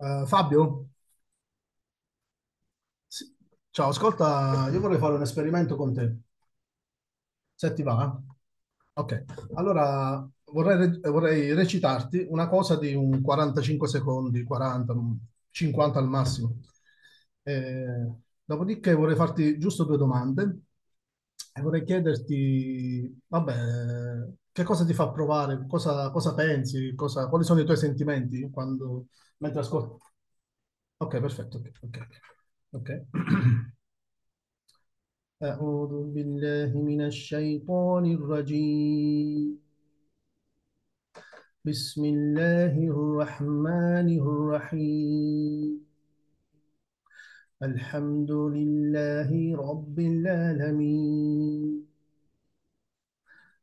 Fabio, sì. Ciao, ascolta, io vorrei fare un esperimento con te, se ti va. Eh? Ok, allora vorrei, vorrei recitarti una cosa di un 45 secondi, 40, un 50 al massimo. Eh, Dopodiché vorrei farti giusto due domande e vorrei chiederti, vabbè, che cosa ti fa provare, cosa, cosa pensi, quali sono i tuoi sentimenti quando, mentre ascolti. Ok, perfetto, ok, ok, ok. أعوذ بالله من الشيطان الرجيم بسم الله الرحمن الرحيم الحمد لله رب العالمين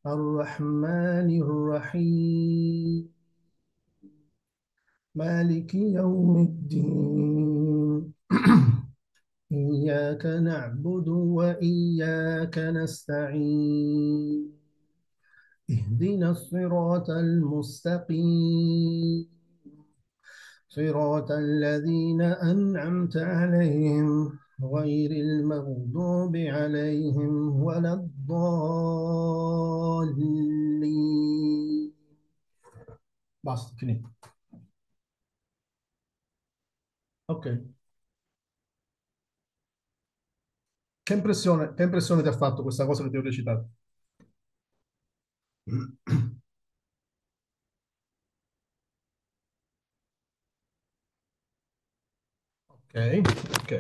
الرحمن الرحيم مالك يوم الدين إياك نعبد وإياك نستعين اهدنا الصراط المستقيم صراط الذين أنعمت عليهم غير المغضوب عليهم ولا الضالين. Basta, finito. Ok. Che impressione ti ha fatto questa cosa che ti ho recitato? Ok, ok,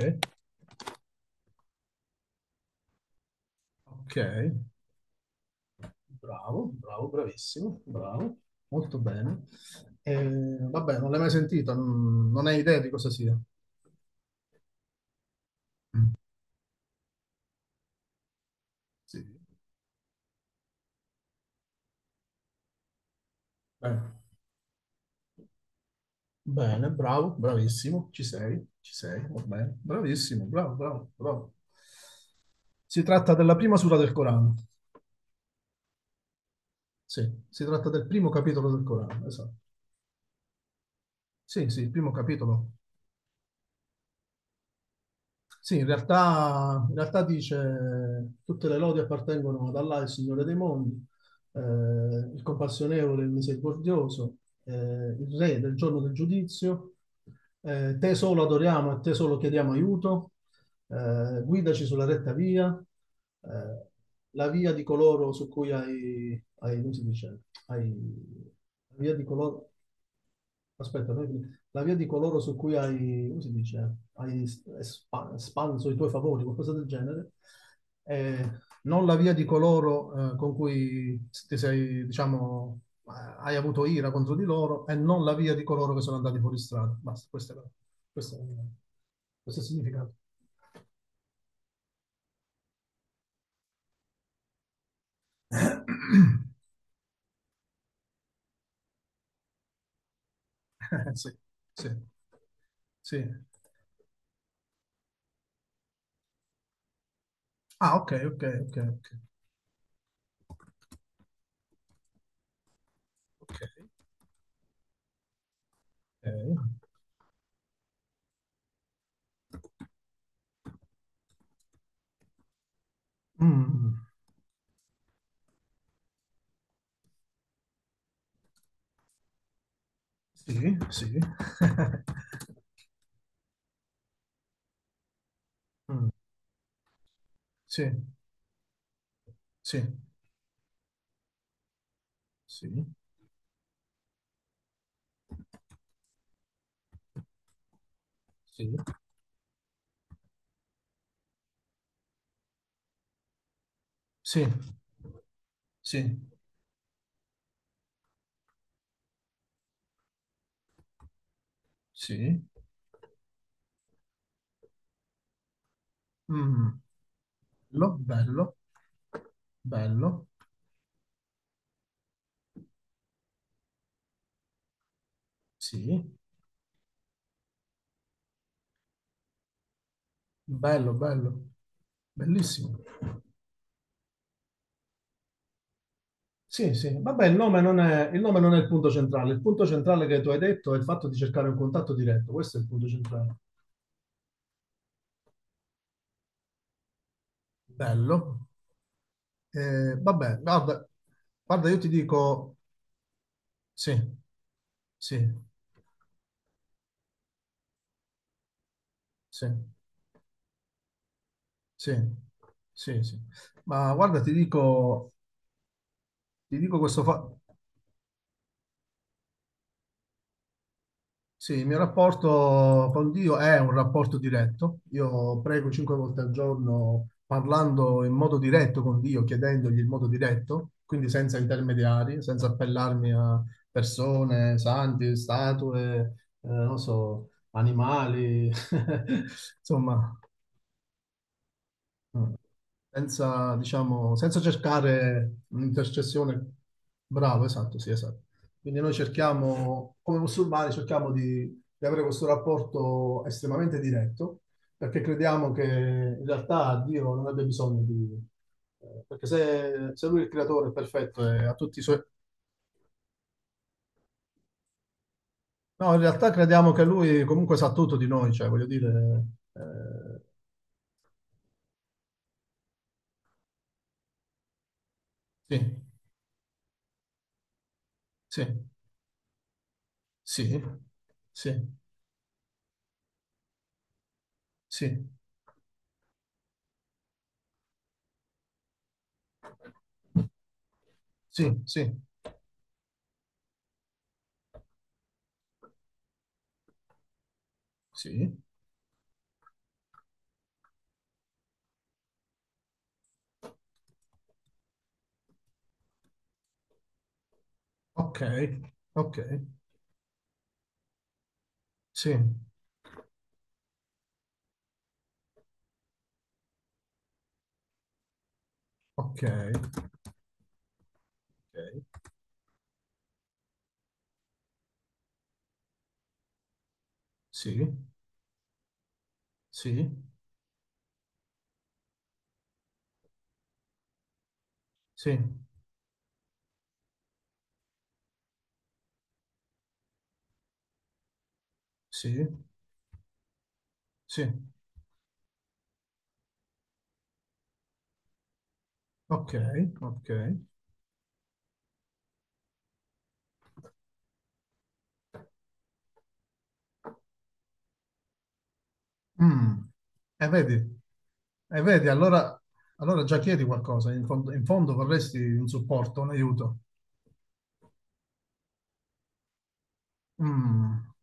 ok, bravo, bravo, bravissimo, bravo, molto bene. Eh, Vabbè, non l'hai mai sentita, non hai idea di cosa sia. Mm, sì. Bene, bene, bravo, bravissimo, ci sei, va bene, bravissimo, bravo, bravo, bravo. Si tratta della prima sura del Corano, sì, si tratta del primo capitolo del Corano, esatto. Sì, sì, il primo capitolo. Sì, in realtà dice: tutte le lodi appartengono ad Allah, il Signore dei mondi, il compassionevole, il misericordioso, eh, il Re del giorno del giudizio, te solo adoriamo e te solo chiediamo aiuto, guidaci sulla retta via, eh, la via di coloro su cui hai, come si dice, hai, la via di coloro. Aspetta, la via di coloro su cui hai, come si dice, hai espanso i tuoi favori, qualcosa del genere, non la via di coloro con cui ti sei, diciamo, eh, hai avuto ira contro di loro e non la via di coloro che sono andati fuori strada. Basta, questo è, questo è il significato. Sì, sì, sì. Ah, ok, ok, ok, ok, ok, ok. Mm. Sì, sì. Mm, sì, sì, sì, sì, sì, sì, sì. Mm, bello, bello, bello, sì. Bello, bello, bellissimo. Sì, sì. Vabbè, il nome non è il punto centrale. Il punto centrale che tu hai detto è il fatto di cercare un contatto diretto. Questo è il punto centrale. Bello. Vabbè, guarda, guarda, io ti dico sì, sì, sì. Sì, sì, sì. Ma guarda, ti dico questo fa... Sì, il mio rapporto con Dio è un rapporto diretto. Io prego cinque volte al giorno parlando in modo diretto con Dio, chiedendogli il modo diretto, quindi senza intermediari, senza appellarmi a persone, santi, statue, non so, animali, insomma. Mm. Senza, diciamo, senza cercare un'intercessione. Bravo, esatto, sì, esatto. Quindi noi cerchiamo, come musulmani, cerchiamo di avere questo rapporto estremamente diretto, perché crediamo che in realtà Dio non abbia bisogno di... perché se Lui è il creatore è perfetto e ha tutti i suoi... No, in realtà crediamo che Lui comunque sa tutto di noi, cioè voglio dire... eh, sì, sì, sì, sì, sì, sì, sì. Sì, ok, ok, sì, ok, ok, sì, sì, sì, sì, sì, ok, ok. Mm. E vedi, e vedi, allora, allora già chiedi qualcosa, in fondo vorresti un supporto, un aiuto. Mm.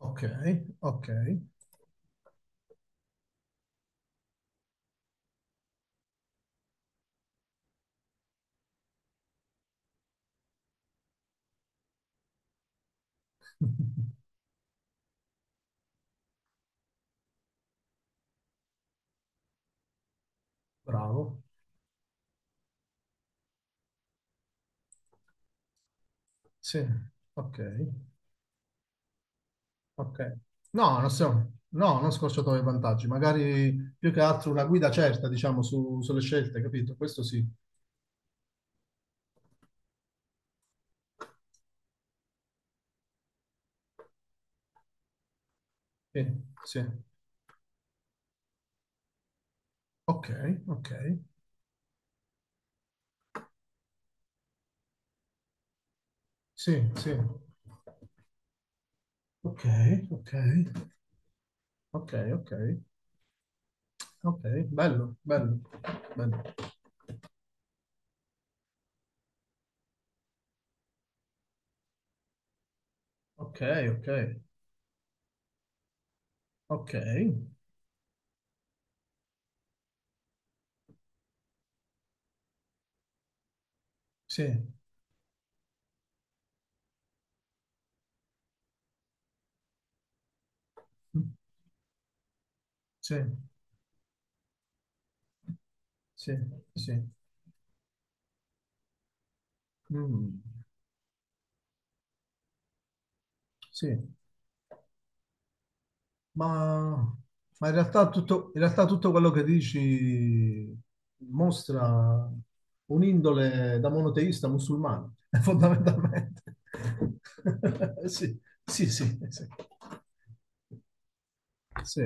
Ok, ok, bravo, sì, ok, ok. No, non siamo, no, non scorciatoie vantaggi, magari più che altro una guida certa, diciamo, sulle scelte, capito? Questo sì. Sì, sì. Ok, ok. Sì, sì. Ok, ok. Ok, ok. Ok, bello, bello, bello. Ok, ok. Ok. Sì. Mm. Sì, sì, sì. Mm, sì. Ma, ma in realtà tutto quello che dici mostra un'indole da monoteista musulmano, fondamentalmente. Sì, sì, sì, sì, sì,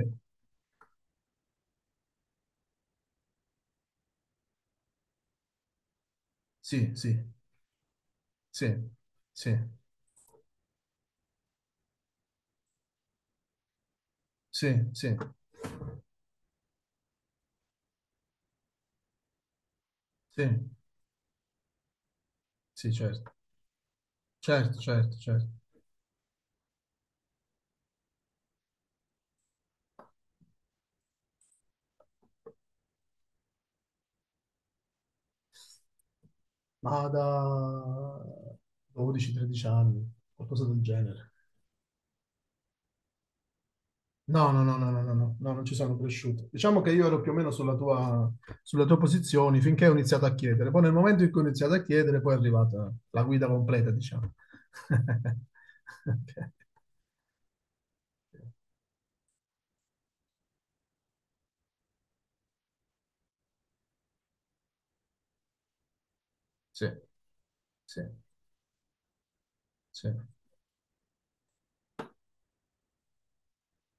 sì, sì, sì, sì, sì, sì, sì, sì, certo, certo, certo, certo. Ma da 12-13 anni, qualcosa del genere. No, no, no, no, no, no, no, no, non ci sono cresciuto. Diciamo che io ero più o meno sulla tua posizione finché ho iniziato a chiedere. Poi nel momento in cui ho iniziato a chiedere, poi è arrivata la guida completa, diciamo. Ok. Sì, sì, sì.